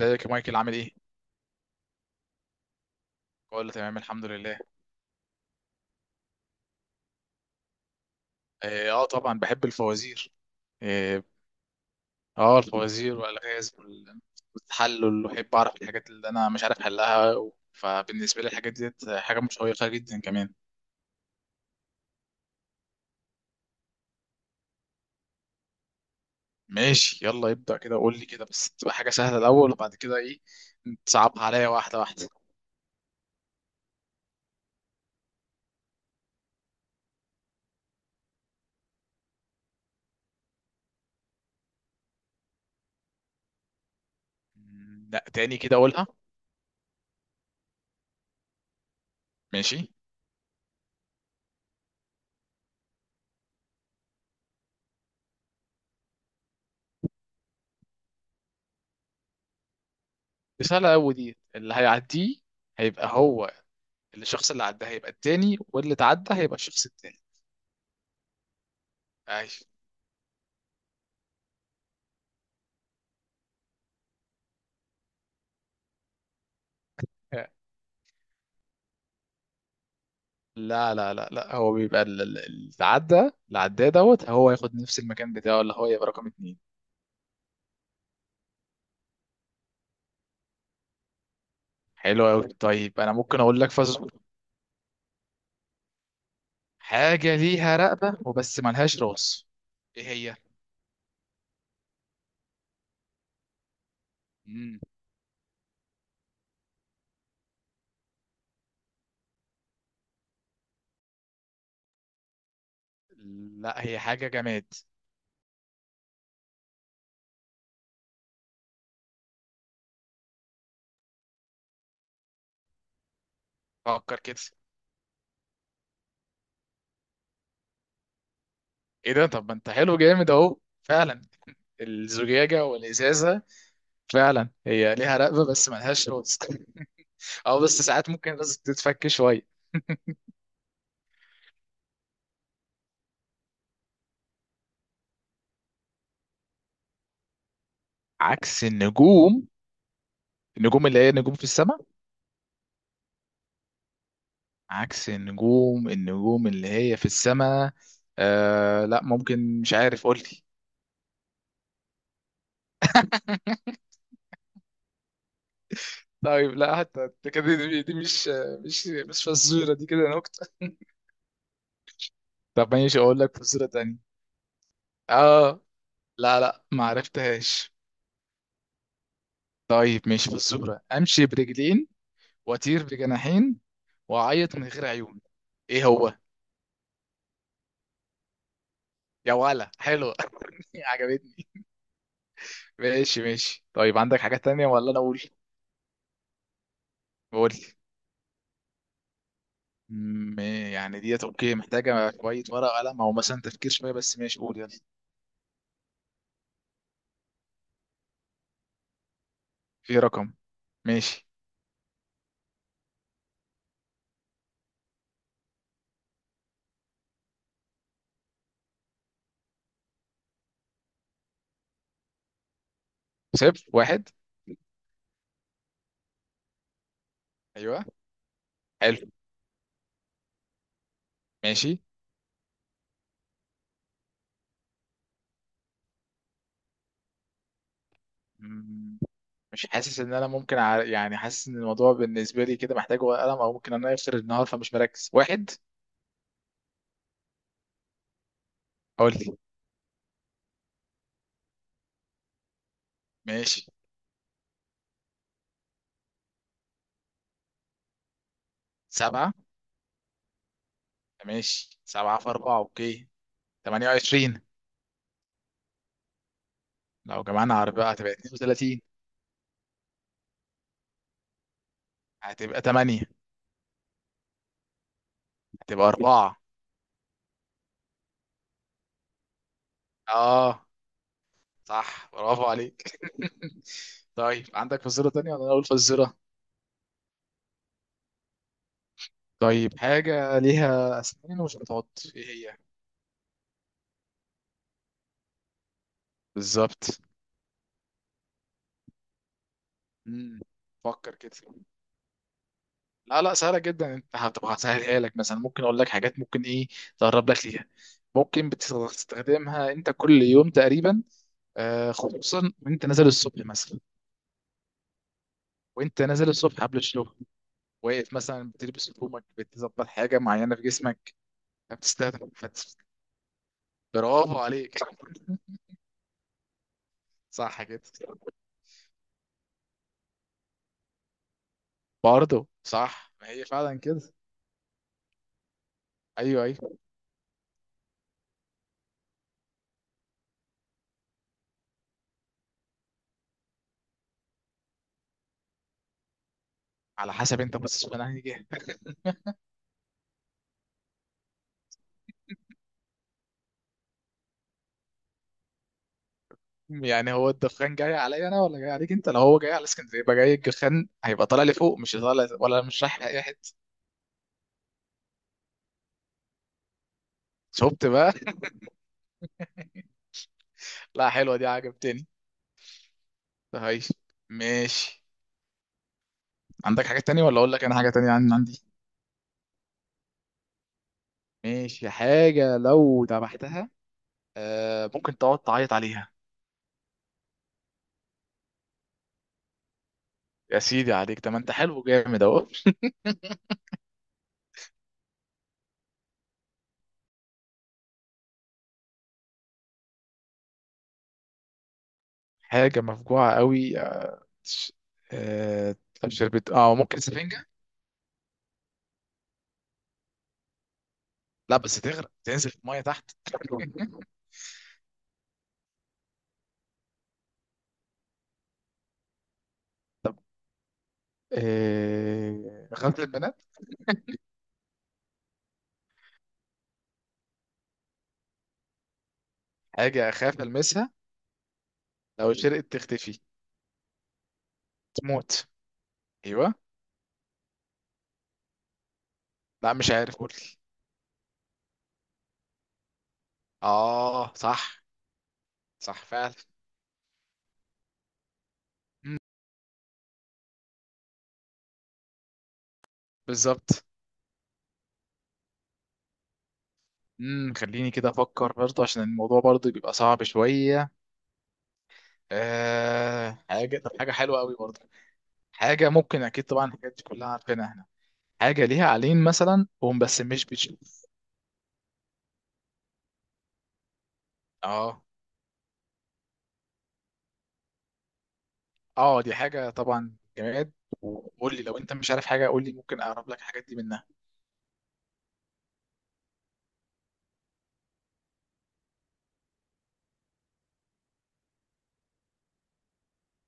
ازيك يا مايكل؟ عامل ايه؟ كله تمام الحمد لله. اه، طبعا بحب الفوازير. اه، الفوازير والالغاز والتحلل، واحب اعرف الحاجات اللي انا مش عارف حلها، فبالنسبه لي الحاجات ديت حاجه مشوقه جدا كمان. ماشي، يلا ابدا كده، قول لي كده بس تبقى حاجه سهله الاول، وبعد كده ايه تصعبها عليا واحده واحده. لا، تاني كده اقولها. ماشي. دي سهله قوي، دي اللي هيعديه هيبقى هو، الشخص اللي عداه هيبقى التاني واللي اتعدى هيبقى الشخص التاني. ايوه. لا لا لا لا، هو بيبقى اللي عدى اللي عداه دوت هو ياخد نفس المكان بتاعه اللي هو يبقى رقم 2. حلو قوي. طيب انا ممكن اقول لك فزور، حاجه ليها رقبه وبس ملهاش راس، ايه هي؟ مم. لا، هي حاجه جماد. فكر كده. ايه ده، طب ما انت حلو جامد اهو، فعلا الزجاجه والازازه. فعلا هي ليها رقبه بس ملهاش راس. اه، بس ساعات ممكن الراس تتفك شويه. عكس النجوم؟ النجوم اللي هي نجوم في السماء. عكس النجوم، النجوم اللي هي في السماء. لا، ممكن، مش عارف، قول لي. طيب لا، حتى دي كده دي مش فزورة، دي كده نكتة. طب ماشي، اقول لك فزورة تانية. اه. لا لا، ما عرفتهاش. طيب ماشي، فزورة: امشي برجلين، واطير بجناحين، واعيط من غير عيون، ايه هو؟ يا ولا حلو! عجبتني. ماشي ماشي. طيب عندك حاجة تانية ولا انا اقول؟ قول. م- يعني ديت اوكي، محتاجة شوية ورقة قلم او مثلا تفكير شوية، بس ماشي، قول يلا. في رقم، ماشي. صفر واحد. ايوه، حلو. ماشي. م- مش حاسس ان انا ممكن يعني حاسس ان الموضوع بالنسبة لي كده محتاج ورقة قلم، او ممكن انا اخر النهار فمش مركز واحد. قول لي. ماشي سبعة. ماشي، سبعة في أربعة اوكي. 28. لو جمعنا على، بقى هتبقى 32. هتبقى 8. هتبقى 4. اه صح، برافو عليك. طيب عندك فزورة تانية ولا أنا أقول فزورة؟ طيب، حاجة ليها أسنان ومش بتعض، إيه هي؟ بالظبط. مم. فكر كده. لا لا، سهلة جدا، أنت هتبقى هسهلها لك. مثلا ممكن أقول لك حاجات ممكن إيه تقرب لك ليها. ممكن بتستخدمها أنت كل يوم تقريبا. خصوصا وأنت نازل الصبح مثلا. وأنت نازل الصبح قبل الشغل، واقف مثلا بتلبس هدومك بتظبط حاجة معينة في جسمك. بتستخدم برافو عليك. صح كده. برضه صح، ما هي فعلا كده. ايوه ايوه. على حسب انت باصص من انهي جهه. يعني هو الدخان جاي عليا انا ولا جاي عليك انت؟ لو هو جاي على اسكندريه يبقى جاي، الدخان هيبقى طالع لي فوق، مش طالع ولا مش رايح لاي حته. شفت بقى؟ لا حلوه دي، عجبتني. طيب ماشي. عندك حاجه تانية ولا اقول لك انا حاجه تانية عن عندي؟ ماشي. حاجه لو ذبحتها ممكن تقعد تعيط عليها. يا سيدي عليك، ده ما انت حلو جامد اهو. حاجه مفجوعه قوي. ش- آه، طب شربت؟ اه، ممكن سفنجة. لا بس تغرق تنزل في المية تحت. طب، غسل البنات. حاجة أخاف ألمسها. لو شرقت تختفي؟ تموت. أيوه. لا مش عارف، قول لي. اه صح. صح فعلا. مم، بالظبط. خليني كده افكر برضه عشان الموضوع برضه بيبقى صعب شويه. حاجه، طب حاجه حلوه قوي برضه. حاجه ممكن اكيد طبعا الحاجات دي كلها عارفينها احنا. حاجه ليها عينين مثلا وهم بس مش بتشوف. اه. اه دي حاجة طبعا جماد. وقول لي لو انت مش عارف حاجة، قول لي ممكن اقرب لك الحاجات دي منها.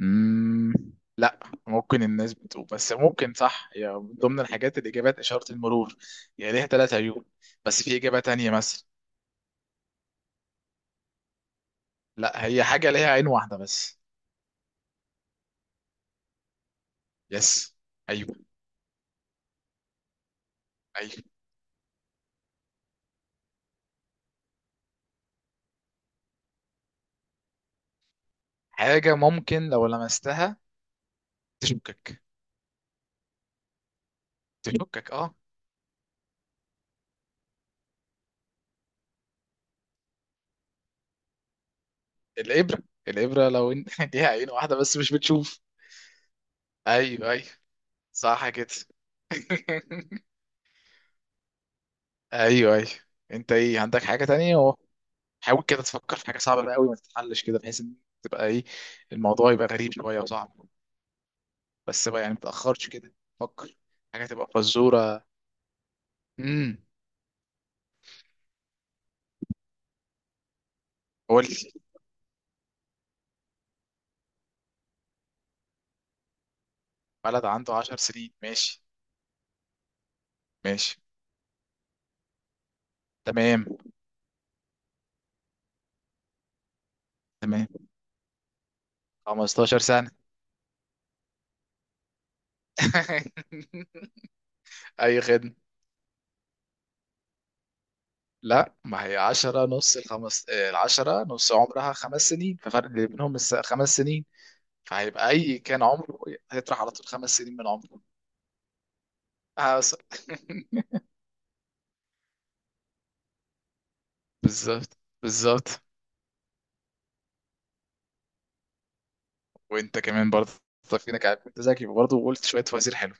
امم لا، ممكن الناس بتقول، بس ممكن صح، هي من ضمن الحاجات الاجابات اشارة المرور، يعني ليها ثلاث عيون. بس في اجابة تانية مثلا. لا، هي حاجة ليها عين واحدة بس. يس. ايوه ايوه. حاجة ممكن لو لمستها تشكك، تشكك اه. الابرة. الابرة لو انت ليها عين واحدة بس مش بتشوف. ايوه ايوه، صح كده. ايوه ايوه، انت ايه عندك حاجه تانية اهو. حاول كده تفكر في حاجه صعبه بقى قوي ما تتحلش كده، بحيث ان تبقى ايه، الموضوع يبقى غريب شويه وصعب، بس بقى يعني ما تاخرش كده، فكر حاجه تبقى فزوره. امم قول لي. بلد عنده 10 سنين، ماشي. ماشي تمام. تمام. 15 سنه. اي خدمه. لا، ما هي 10 نص الخمس، 10 نص عمرها 5 سنين، ففرق اللي بينهم 5 سنين. فهيبقى اي كان عمره هيطرح على طول 5 سنين من عمره. حصل. بالظبط بالظبط. وانت كمان برضه، فينك، عارف انت ذكي برضه، وقلت شوية فوازير حلو.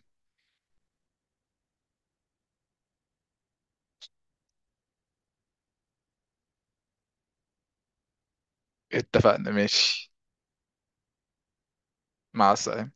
اتفقنا ماشي. مع السلامة.